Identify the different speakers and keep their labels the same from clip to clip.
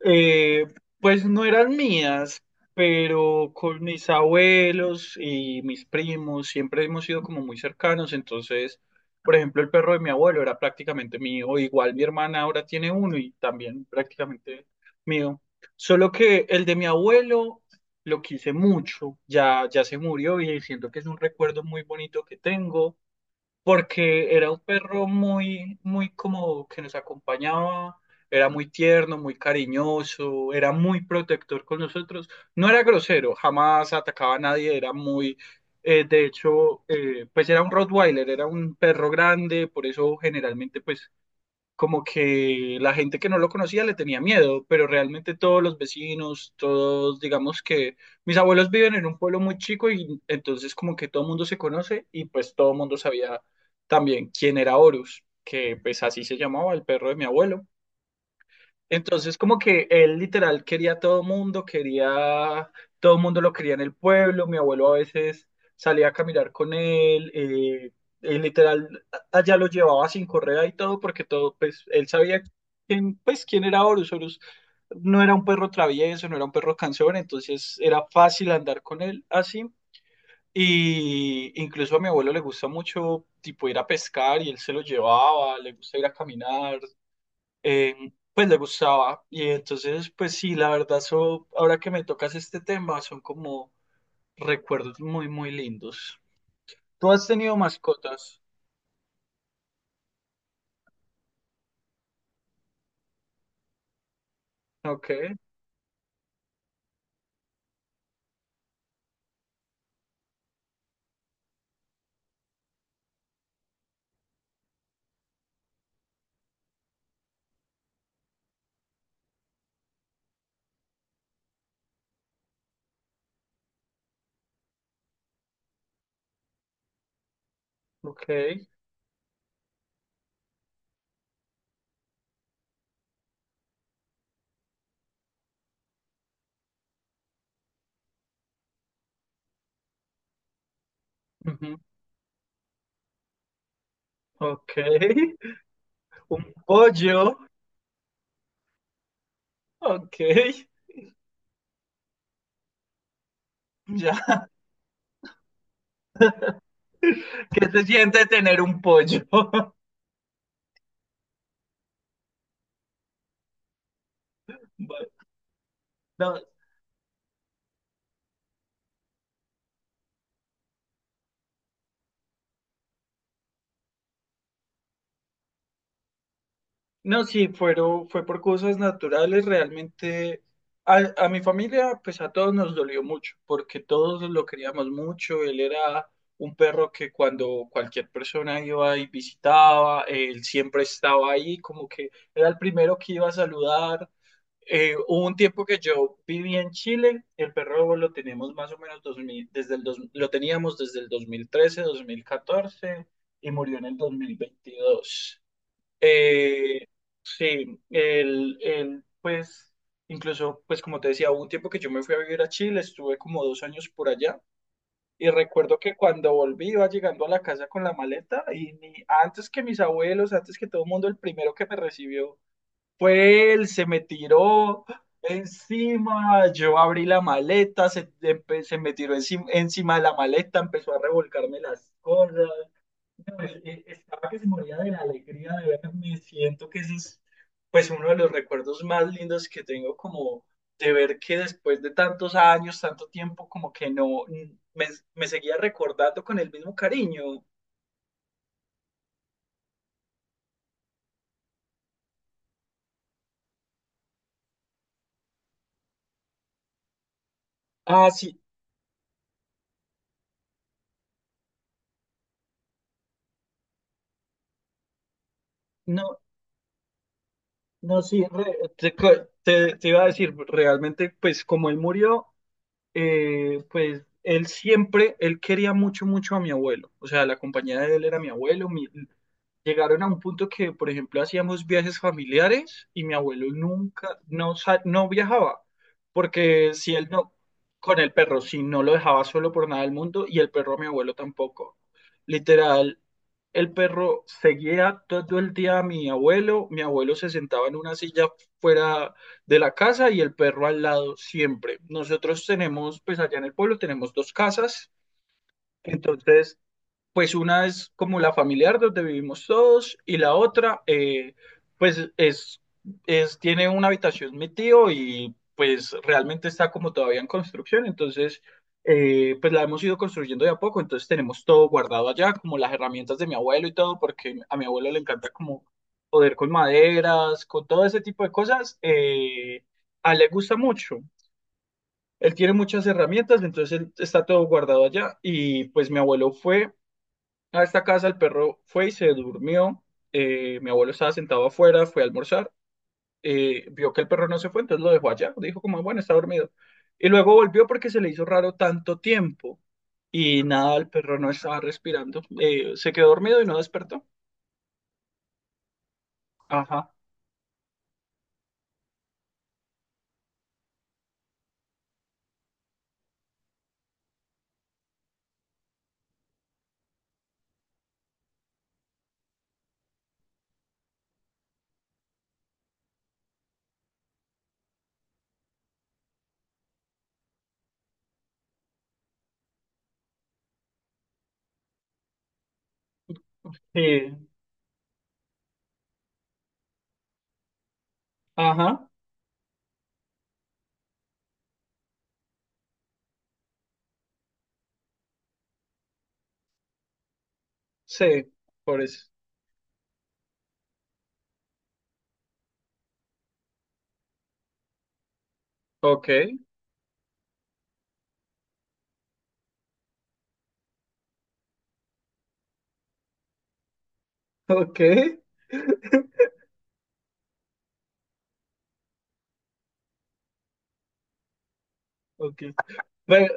Speaker 1: Eh, pues no eran mías, pero con mis abuelos y mis primos siempre hemos sido como muy cercanos, entonces, por ejemplo, el perro de mi abuelo era prácticamente mío, igual mi hermana ahora tiene uno y también prácticamente mío, solo que el de mi abuelo lo quise mucho, ya, ya se murió y siento que es un recuerdo muy bonito que tengo porque era un perro muy, muy como que nos acompañaba, era muy tierno, muy cariñoso, era muy protector con nosotros, no era grosero, jamás atacaba a nadie, era muy, de hecho, pues era un Rottweiler, era un perro grande, por eso generalmente pues como que la gente que no lo conocía le tenía miedo, pero realmente todos los vecinos, todos, digamos que mis abuelos viven en un pueblo muy chico y entonces como que todo el mundo se conoce y pues todo el mundo sabía también quién era Horus, que pues así se llamaba el perro de mi abuelo. Entonces, como que él literal quería a todo mundo, quería, todo mundo lo quería en el pueblo, mi abuelo a veces salía a caminar con él, él literal allá lo llevaba sin correa y todo, porque todo, pues, él sabía quién, pues, quién era Horus, Horus no era un perro travieso, no era un perro cansón, entonces era fácil andar con él así, y incluso a mi abuelo le gusta mucho, tipo, ir a pescar, y él se lo llevaba, le gusta ir a caminar, pues le gustaba. Y entonces, pues sí, la verdad, ahora que me tocas este tema, son como recuerdos muy, muy lindos. ¿Tú has tenido mascotas? Ok, ok, ujú, ok. Un pollo, ok, ya. ¿Qué se siente tener un pollo? Bueno, no. No, sí, fueron, fue por cosas naturales, realmente a mi familia, pues a todos nos dolió mucho, porque todos lo queríamos mucho, él era un perro que cuando cualquier persona iba y visitaba, él siempre estaba ahí, como que era el primero que iba a saludar. Hubo un tiempo que yo viví en Chile, el perro lo tenemos más o menos 2000, desde el lo teníamos desde el 2013, 2014 y murió en el 2022. Eh, pues, incluso, pues como te decía, hubo un tiempo que yo me fui a vivir a Chile, estuve como 2 años por allá. Y recuerdo que cuando volví iba llegando a la casa con la maleta y antes que mis abuelos, antes que todo el mundo, el primero que me recibió fue él, se me tiró encima, yo abrí la maleta, se me tiró encima, encima de la maleta, empezó a revolcarme las cosas. No, estaba que se moría de la alegría de verme. Siento que ese es pues uno de los recuerdos más lindos que tengo como de ver que después de tantos años, tanto tiempo, como que no, me seguía recordando con el mismo cariño. Ah, sí, no. No, sí, te iba a decir, realmente, pues como él murió, pues él siempre, él quería mucho, mucho a mi abuelo. O sea, la compañía de él era mi abuelo. Llegaron a un punto que, por ejemplo, hacíamos viajes familiares y mi abuelo nunca, no, no viajaba, porque si él no, con el perro, si no lo dejaba solo por nada del mundo y el perro a mi abuelo tampoco. Literal, el perro seguía todo el día a mi abuelo. Mi abuelo se sentaba en una silla fuera de la casa y el perro al lado siempre. Nosotros tenemos, pues allá en el pueblo tenemos dos casas. Entonces, pues una es como la familiar donde vivimos todos y la otra, pues tiene una habitación mi tío y pues realmente está como todavía en construcción, entonces pues la hemos ido construyendo de a poco, entonces tenemos todo guardado allá, como las herramientas de mi abuelo y todo, porque a mi abuelo le encanta como poder con maderas, con todo ese tipo de cosas, a él le gusta mucho. Él tiene muchas herramientas, entonces está todo guardado allá. Y pues mi abuelo fue a esta casa el perro fue y se durmió. Mi abuelo estaba sentado afuera, fue a almorzar. Vio que el perro no se fue, entonces lo dejó allá. Dijo como, bueno, está dormido. Y luego volvió porque se le hizo raro tanto tiempo. Y nada, el perro no estaba respirando. Se quedó dormido y no despertó. Ajá. Sí. Ajá. Sí. Por eso. Ok. Ok. Ok. Pero,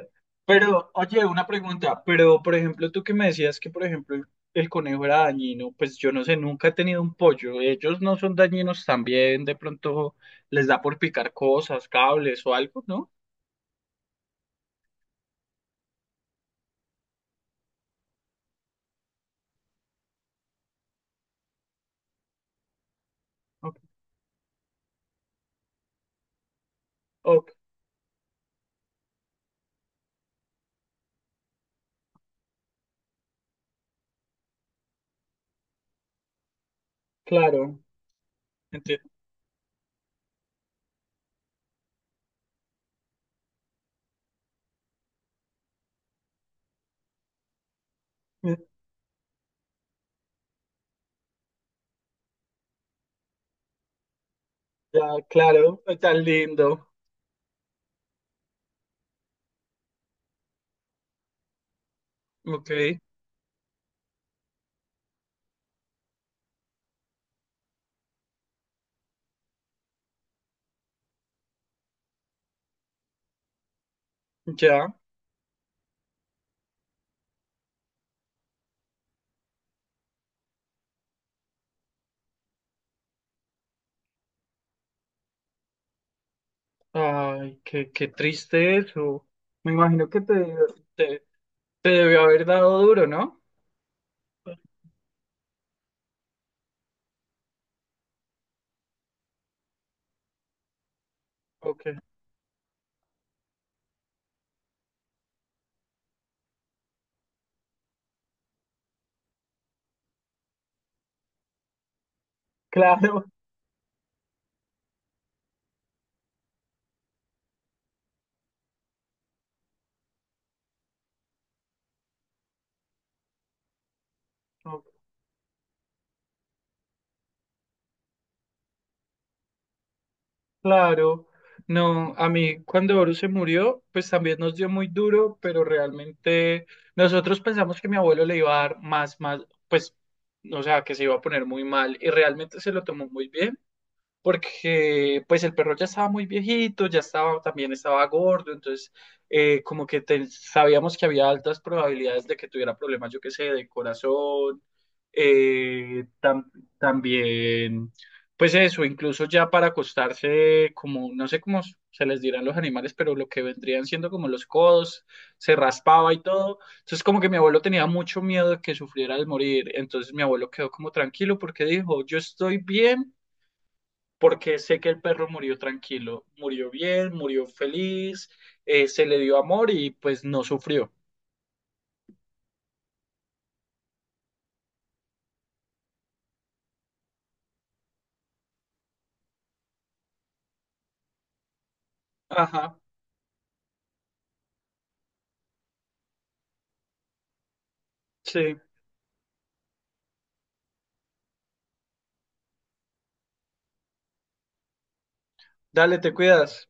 Speaker 1: pero, oye, una pregunta, pero por ejemplo, tú que me decías que, por ejemplo, el, conejo era dañino, pues yo no sé, nunca he tenido un pollo, ellos no son dañinos también, de pronto les da por picar cosas, cables o algo, ¿no? Ok, ok, claro, entiendo. Ya, claro, tan lindo, ok, ya, ay, qué, qué triste eso, me imagino que te, te debió haber dado duro, ¿no? Ok, claro. Ok, claro, no, a mí cuando Boru se murió, pues también nos dio muy duro, pero realmente nosotros pensamos que mi abuelo le iba a dar más, más, pues, o sea, que se iba a poner muy mal y realmente se lo tomó muy bien porque pues el perro ya estaba muy viejito, ya estaba, también estaba gordo, entonces como que sabíamos que había altas probabilidades de que tuviera problemas, yo qué sé, de corazón, eh, tam- también, pues eso, incluso ya para acostarse, como, no sé cómo se les dirán los animales, pero lo que vendrían siendo como los codos, se raspaba y todo, entonces como que mi abuelo tenía mucho miedo de que sufriera al morir, entonces mi abuelo quedó como tranquilo porque dijo, yo estoy bien porque sé que el perro murió tranquilo, murió bien, murió feliz, se le dio amor y pues no sufrió. Ajá, sí. Dale, te cuidas.